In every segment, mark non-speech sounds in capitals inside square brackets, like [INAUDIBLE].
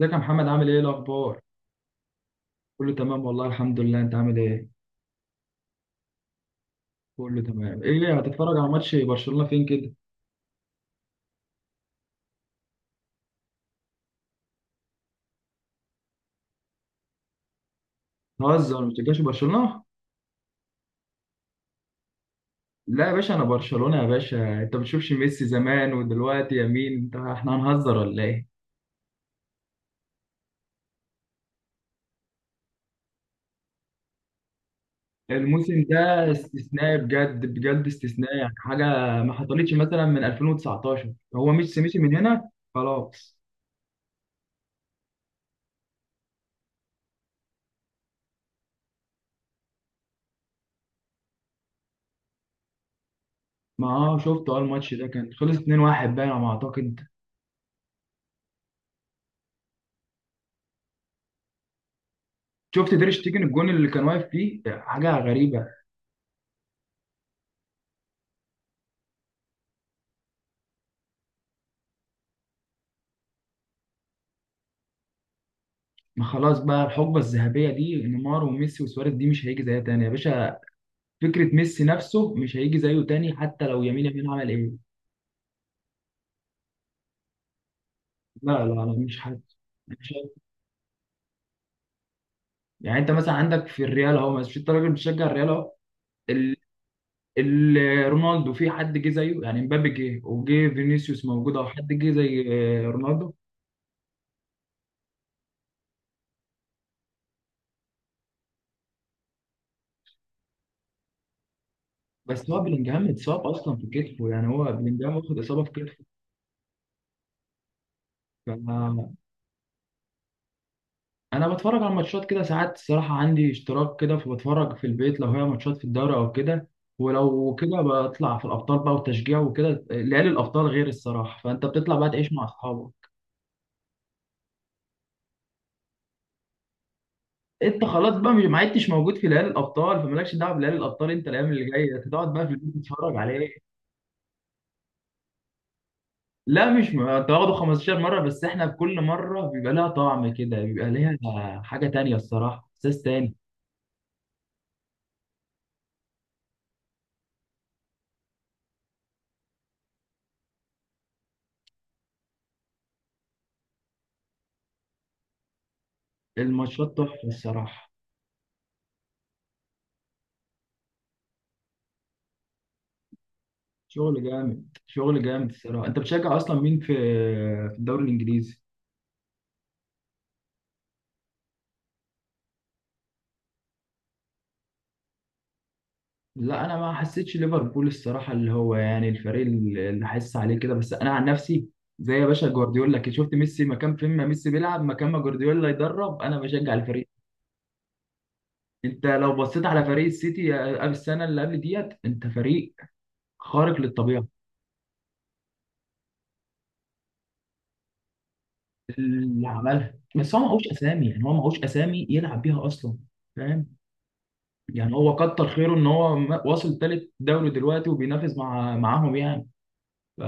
ازيك يا محمد؟ عامل ايه الاخبار؟ كله تمام والله الحمد لله. انت عامل ايه؟ كله تمام. ايه هتتفرج على ماتش برشلونة فين كده؟ هزر ما بتشجعش برشلونة؟ لا يا باشا انا برشلونة يا باشا. انت ما بتشوفش ميسي زمان ودلوقتي؟ يا مين انت؟ احنا هنهزر ولا ايه؟ الموسم ده استثنائي بجد بجد، استثنائي يعني حاجة ما حصلتش مثلا من 2019، هو ميسي مشي من هنا خلاص. ما شفت الماتش ده؟ كان خلص 2-1 باين على ما اعتقد. شفت تير شتيجن الجون اللي كان واقف فيه؟ حاجة غريبة. ما خلاص بقى، الحقبه الذهبيه دي نيمار وميسي وسواريز دي مش هيجي زيها تاني يا باشا. فكره ميسي نفسه مش هيجي زيه تاني، حتى لو يمين عمل ايه. لا مش حد، مش حد. يعني انت مثلا عندك في الريال، اهو مش انت راجل بتشجع الريال اهو؟ ال... ال... رونالدو في حد جه زيه يعني؟ مبابي جه، وجه فينيسيوس موجود، او حد جه زي آه، رونالدو؟ بس هو بلينجهام اتصاب اصلا في كتفه، يعني هو بلينجهام واخد اصابه في كتفه. انا بتفرج على ماتشات كده ساعات الصراحه، عندي اشتراك كده فبتفرج في البيت لو هي ماتشات في الدوري او كده، ولو كده بطلع في الابطال بقى وتشجيع وكده. ليالي الابطال غير الصراحه، فانت بتطلع بقى تعيش مع اصحابك. انت خلاص بقى ما عدتش موجود في ليالي الابطال، فمالكش دعوه بليالي الابطال. انت الايام اللي جايه تقعد بقى في البيت تتفرج عليه. لا مش م- انت واخده 15 مره بس احنا كل مره بيبقى لها طعم كده، بيبقى ليها حاجه تانية الصراحه، احساس تاني. الماتشات تحفه الصراحه، شغل جامد شغل جامد الصراحه. انت بتشجع اصلا مين في في الدوري الانجليزي؟ لا انا ما حسيتش ليفربول الصراحه اللي هو يعني الفريق اللي حاسس عليه كده، بس انا عن نفسي زي يا باشا جوارديولا كده، شفت ميسي مكان فين؟ ما ميسي بيلعب مكان ما جوارديولا يدرب، انا بشجع الفريق. انت لو بصيت على فريق السيتي قبل السنه اللي قبل ديت، انت فريق خارق للطبيعه اللي عملها. بس هو معهوش اسامي، يعني هو معهوش اسامي يلعب بيها اصلا، فاهم؟ يعني هو كتر خيره ان هو واصل تالت دوري دلوقتي وبينافس مع معاهم يعني. ف-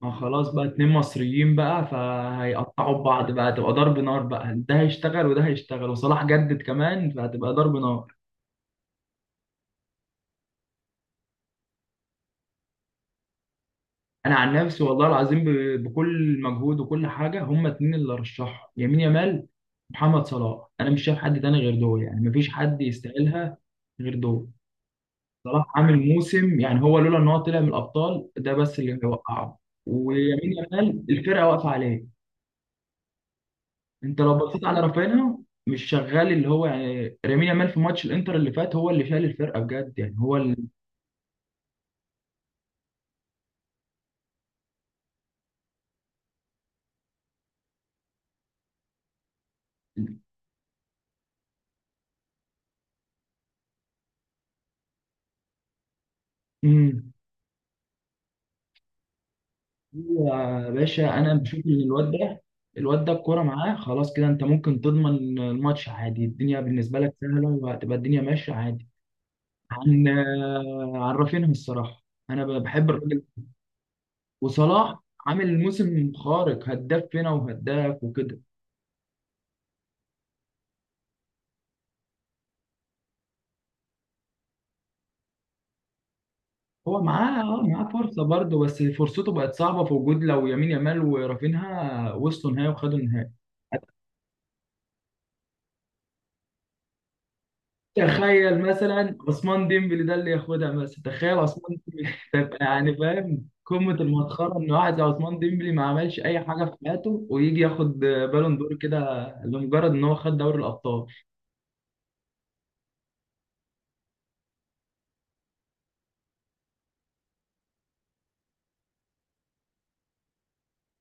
ما خلاص بقى، اتنين مصريين بقى فهيقطعوا بعض بقى، هتبقى ضرب نار بقى، ده هيشتغل وده هيشتغل، وصلاح جدد كمان، فهتبقى ضرب نار. انا عن نفسي والله العظيم بكل مجهود وكل حاجه، هما اتنين اللي رشحهم، يمين يامال، محمد صلاح. انا مش شايف حد تاني غير دول، يعني مفيش حد يستاهلها غير دول. صلاح عامل موسم، يعني هو لولا ان هو طلع من الابطال ده بس اللي هيوقعه. ويمين يامال الفرقه واقفه عليه. انت لو بصيت على رافينيا مش شغال، اللي هو يعني لامين يامال في ماتش الانتر اللي فات هو اللي شال الفرقه بجد، يعني هو اللي امم يا باشا، انا بشوف ان الواد ده، الواد ده الكوره معاه خلاص كده، انت ممكن تضمن الماتش عادي، الدنيا بالنسبه لك سهله، وهتبقى الدنيا ماشيه عادي. عن عن رافينيا الصراحه، انا بحب الراجل. وصلاح عامل موسم خارق، هداف فينا وهداف وكده. هو معاه اه معاه فرصه برضه، بس فرصته بقت صعبه في وجود لو يمين يامال ورافينها وصلوا نهائي وخدوا النهائي. تخيل مثلا عثمان ديمبلي ده اللي ياخدها مثلا، تخيل عثمان ديمبلي [LAUGHS] تبقى يعني فاهم قمة المسخرة إن واحد زي عثمان ديمبلي ما عملش أي حاجة في حياته ويجي ياخد بالون دور كده لمجرد إن هو خد دوري الأبطال.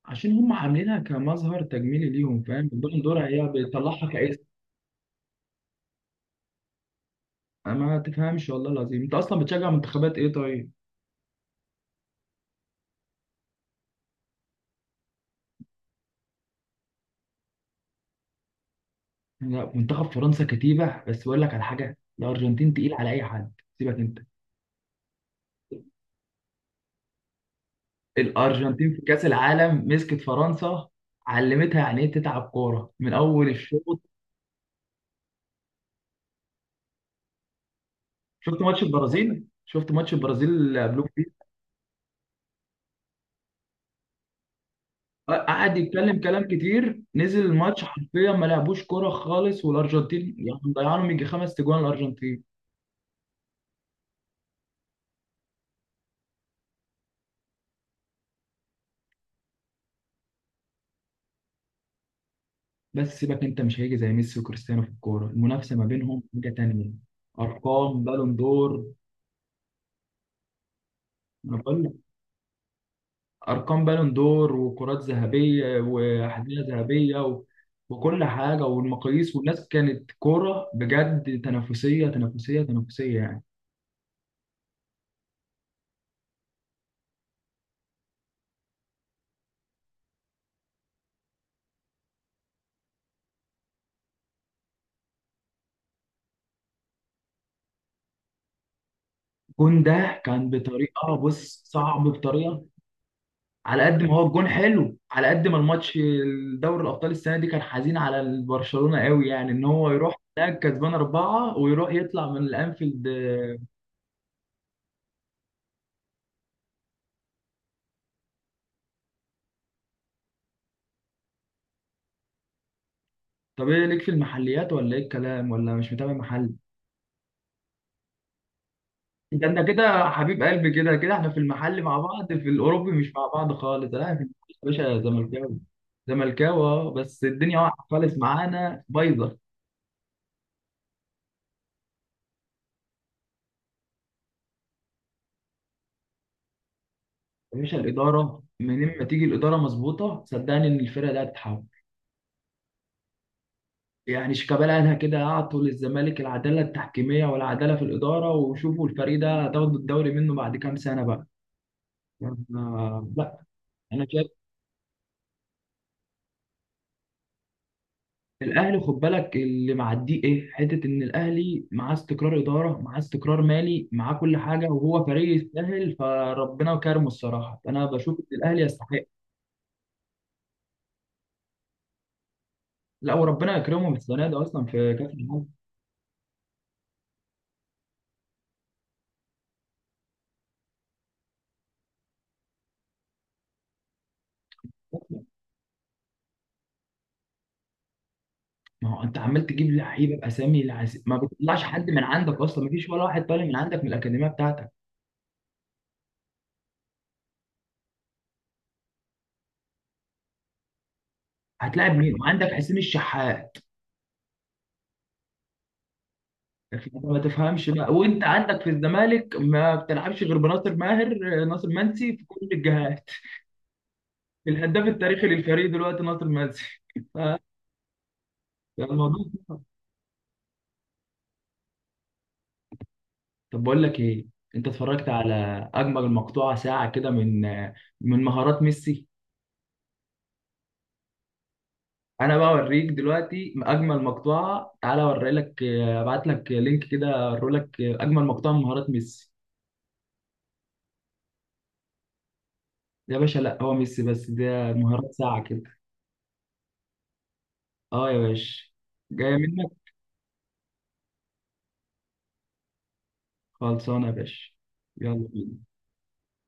عشان هم عاملينها كمظهر تجميلي ليهم، فاهم؟ البالون دور هي بيطلعها. انا ما تفهمش والله العظيم، انت اصلا بتشجع منتخبات ايه طيب؟ يعني لا منتخب فرنسا كتيبه، بس بقول لك على حاجه، الارجنتين تقيل على اي حد سيبك انت. الارجنتين في كاس العالم مسكت فرنسا، علمتها يعني ايه تتعب كوره من اول الشوط. شفت ماتش البرازيل؟ شفت ماتش البرازيل اللي قبلوك فيه؟ قعد يتكلم كلام كتير، نزل الماتش حرفيا ما لعبوش كوره خالص، والارجنتين يعني مضيعانهم يجي خمس تجوان الارجنتين. بس سيبك انت، مش هيجي زي ميسي وكريستيانو في الكوره، المنافسه ما بينهم حاجه تانية. ارقام بالون دور، انا بقول لك، ارقام بالون دور وكرات ذهبيه وحذاء ذهبيه وكل حاجه والمقاييس. والناس كانت كوره بجد، تنافسيه تنافسيه تنافسيه يعني. كون ده كان بطريقه، بص، صعب بطريقه. على قد ما هو الجون حلو، على قد ما الماتش. دوري الابطال السنه دي كان حزين على برشلونه قوي، يعني ان هو يروح هناك كسبان اربعه ويروح يطلع من الانفيلد آه. طب ايه ليك في المحليات ولا ايه الكلام؟ ولا مش متابع محلي؟ ده انت كده حبيب قلبي كده كده، احنا في المحل مع بعض، في الاوروبي مش مع بعض خالص. لا في المحل يا باشا زملكاوي، زملكاوي آه، بس الدنيا واقعه خالص معانا بايظه. يا باشا الاداره، منين ما تيجي الاداره مظبوطه، صدقني ان الفرقه دي هتتحول. يعني شيكابالا قالها كده، اعطوا للزمالك العداله التحكيميه والعداله في الاداره، وشوفوا الفريق ده هتاخدوا الدوري منه بعد كام سنه بقى. آه، لا انا شايف الاهلي، خد بالك اللي معديه ايه حته، ان الاهلي معاه استقرار اداره، معاه استقرار مالي، معاه كل حاجه، وهو فريق يستاهل، فربنا كرمه الصراحه. انا بشوف ان الاهلي يستحق. لا وربنا يكرمه بالسنه دي اصلا في كاس العالم. ما هو انت عمال تجيب لعيبه باسامي ما بتطلعش حد من عندك اصلا، ما فيش ولا واحد طالع من عندك من الاكاديميه بتاعتك. هتلاعب مين؟ وعندك حسين الشحات. فأنت ما تفهمش بقى، وانت عندك في الزمالك ما بتلعبش غير بناصر ماهر آه، ناصر منسي في كل الجهات. الهداف التاريخي للفريق دلوقتي ناصر منسي. [LAUGHS] فالموضوع صعب. طب بقول لك ايه، انت اتفرجت على اجمل مقطوعه ساعه كده من آه، من مهارات ميسي؟ انا بقى اوريك دلوقتي اجمل مقطوعه، تعالى اوري لك آه، ابعت لك لينك كده اوري لك آه، اجمل مقطوعه من مهارات ميسي. يا باشا لا هو ميسي بس، ده مهارات ساعه كده. اه يا باشا، جاية منك. خلصانة يا باشا، يلا بينا.